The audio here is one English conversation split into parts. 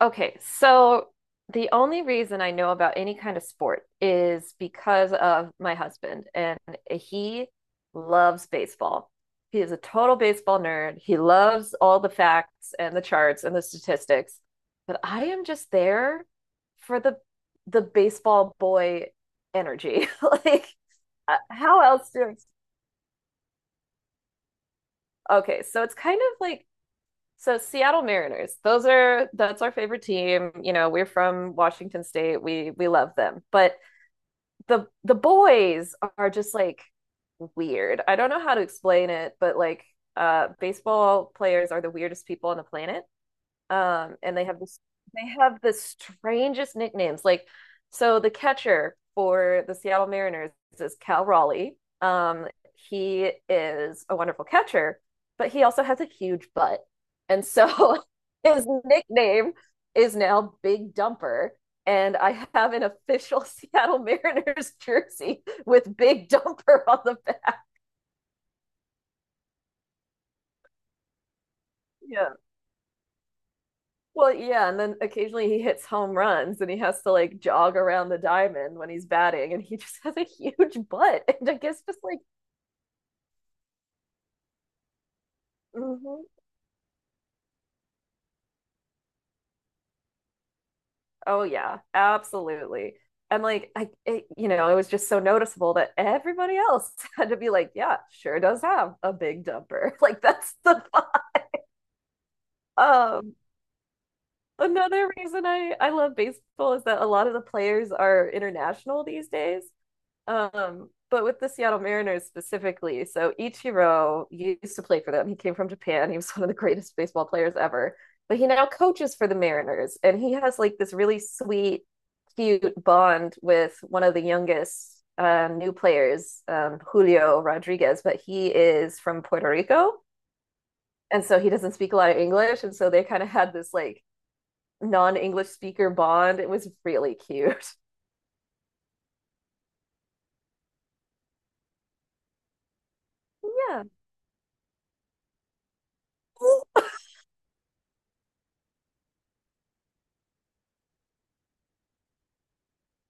Okay, so the only reason I know about any kind of sport is because of my husband, and he loves baseball. He is a total baseball nerd. He loves all the facts and the charts and the statistics, but I am just there for the baseball boy energy. Like, how else do I... Okay, so it's kind of like So Seattle Mariners, those are that's our favorite team. You know, we're from Washington State. We love them. But the boys are just like weird. I don't know how to explain it, but like baseball players are the weirdest people on the planet. And they have this they have the strangest nicknames. Like, so the catcher for the Seattle Mariners is Cal Raleigh. Um, he is a wonderful catcher, but he also has a huge butt. And so his nickname is now Big Dumper. And I have an official Seattle Mariners jersey with Big Dumper on the back. Yeah. Well, yeah, and then occasionally he hits home runs and he has to like jog around the diamond when he's batting and he just has a huge butt. And I guess just like, mhm. Oh yeah, absolutely. And like I it was just so noticeable that everybody else had to be like, yeah, sure does have a big dumper. Like that's the um another reason I love baseball is that a lot of the players are international these days. But with the Seattle Mariners specifically, so Ichiro used to play for them. He came from Japan. He was one of the greatest baseball players ever. But he now coaches for the Mariners, and he has like this really sweet, cute bond with one of the youngest new players, Julio Rodriguez. But he is from Puerto Rico, and so he doesn't speak a lot of English, and so they kind of had this like non-English speaker bond. It was really cute. Yeah.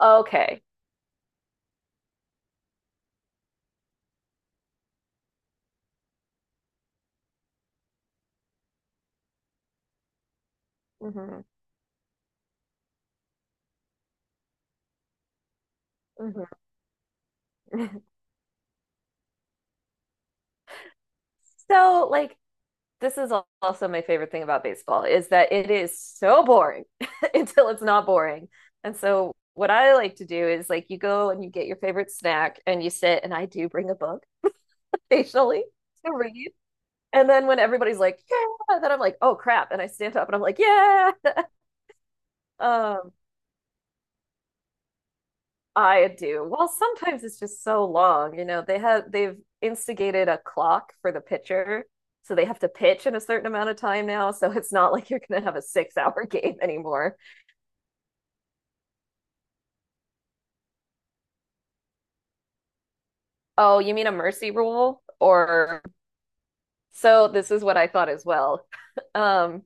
Okay. Mm-hmm. Mm-hmm. So, like, this is also my favorite thing about baseball is that it is so boring until it's not boring. And so, what I like to do is like you go and you get your favorite snack and you sit, and I do bring a book occasionally to read. And then when everybody's like, yeah, then I'm like, oh crap. And I stand up and I'm like, yeah. Um, I do. Well, sometimes it's just so long. You know, they've instigated a clock for the pitcher, so they have to pitch in a certain amount of time now. So it's not like you're gonna have a six hour game anymore. Oh, you mean a mercy rule? Or so this is what I thought as well. Um,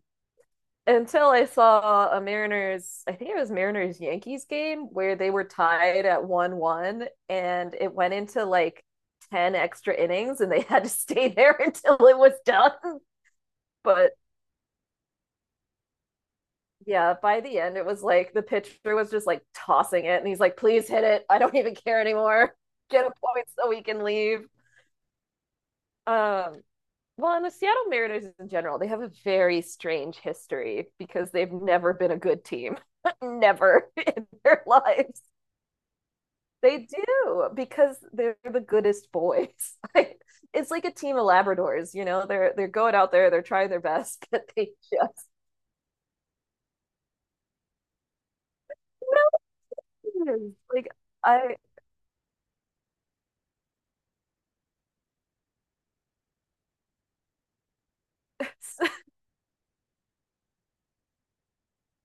until I saw a Mariners, I think it was Mariners Yankees game where they were tied at 1-1 and it went into like 10 extra innings and they had to stay there until it was done. But yeah, by the end, it was like the pitcher was just like tossing it, and he's like, "Please hit it. I don't even care anymore. Get a point so we can leave." Um, well, and the Seattle Mariners in general, they have a very strange history because they've never been a good team, never in their lives. They do because they're the goodest boys. Like, it's like a team of Labradors, you know. They're going out there, they're trying their best, but they just no. Like I,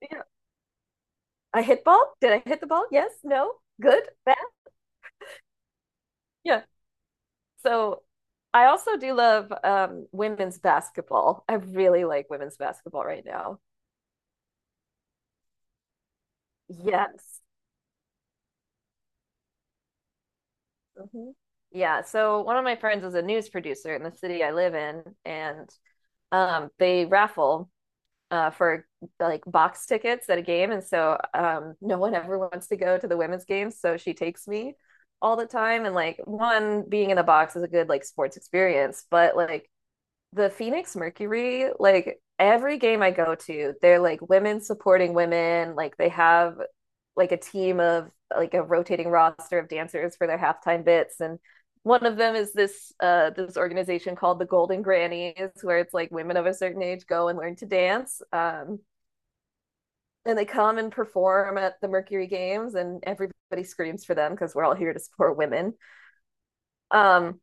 you I hit ball. Did I hit the ball? Yes, no, good, bad. Yeah. So I also do love women's basketball. I really like women's basketball right now. Yes. Mhm. Yeah. So one of my friends is a news producer in the city I live in, and they raffle for like box tickets at a game. And so no one ever wants to go to the women's games. So she takes me all the time. And like, one, being in the box is a good like sports experience, but like, the Phoenix Mercury, like every game I go to, they're like women supporting women. Like they have like a team of like a rotating roster of dancers for their halftime bits and one of them is this this organization called the Golden Grannies where it's like women of a certain age go and learn to dance and they come and perform at the Mercury Games and everybody screams for them because we're all here to support women um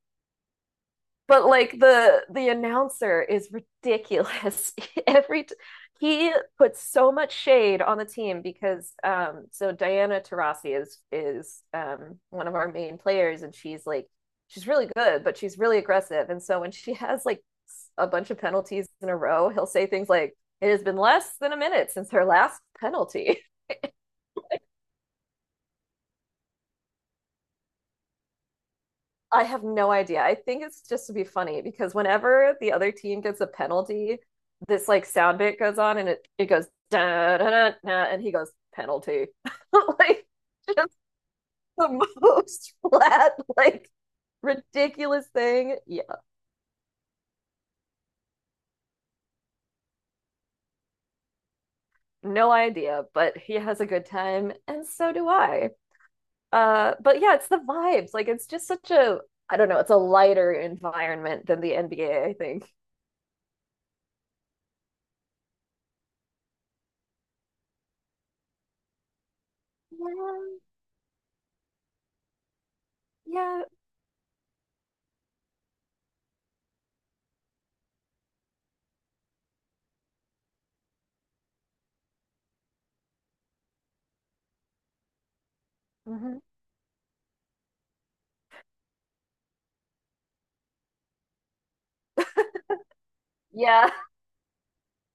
But like the announcer is ridiculous. Every t he puts so much shade on the team because so Diana Taurasi is one of our main players and she's really good, but she's really aggressive. And so when she has like a bunch of penalties in a row, he'll say things like, it has been less than a minute since her last penalty. I have no idea. I think it's just to be funny because whenever the other team gets a penalty, this like sound bit goes on and it goes da da da da and he goes penalty. like just the most flat, like ridiculous thing. Yeah, no idea, but he has a good time and so do I. But yeah, it's the vibes. Like it's just such a I don't know, it's a lighter environment than the NBA, I think. Yeah, yeah. Mm-hmm. Yeah.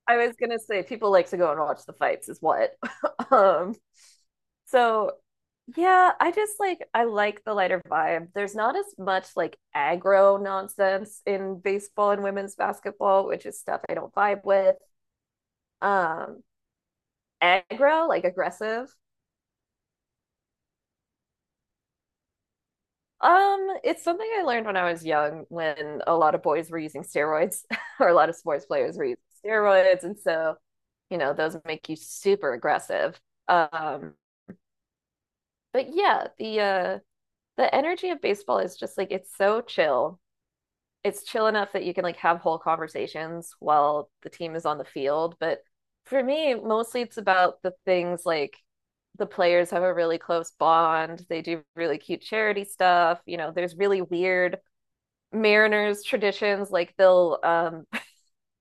I was gonna say people like to go and watch the fights is what. um, so yeah, I just like I like the lighter vibe. There's not as much like aggro nonsense in baseball and women's basketball, which is stuff I don't vibe with. Um, Aggro, like aggressive. It's something I learned when I was young when a lot of boys were using steroids or a lot of sports players were using steroids, and so you know, those make you super aggressive. Um, but yeah, the energy of baseball is just like it's so chill. It's chill enough that you can like have whole conversations while the team is on the field. But for me, mostly it's about the things like the players have a really close bond. They do really cute charity stuff. You know, there's really weird Mariners traditions. Like they'll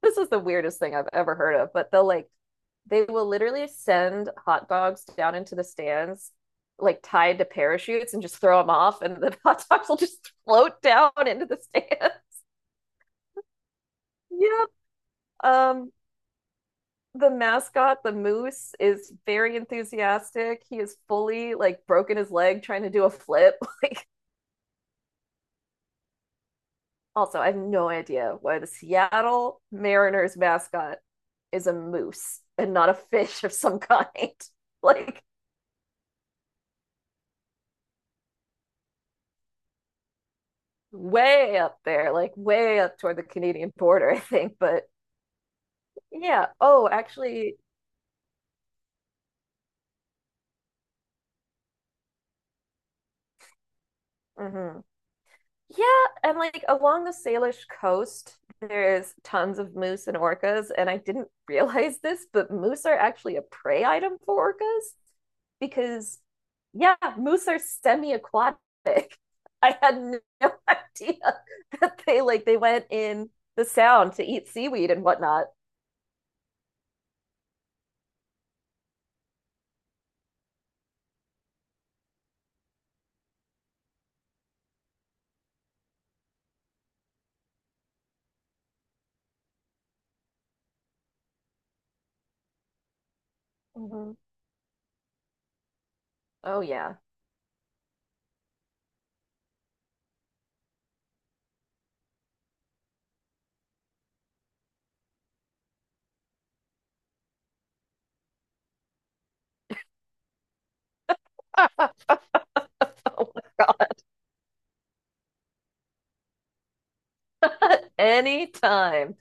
this is the weirdest thing I've ever heard of, but they will literally send hot dogs down into the stands like tied to parachutes and just throw them off and the hot dogs will just float down into the stand. yep. Um the mascot, the moose, is very enthusiastic. He is fully like broken his leg trying to do a flip. Also, I have no idea why the Seattle Mariners mascot is a moose and not a fish of some kind. Like way up there, like way up toward the Canadian border, I think. But yeah, oh, actually, mhm. Yeah, and like along the Salish coast, there's tons of moose and orcas. And I didn't realize this, but moose are actually a prey item for orcas because, yeah, moose are semi-aquatic. I had no idea that they went in the sound to eat seaweed and whatnot. Hmm. Oh yeah. Oh my God. Anytime.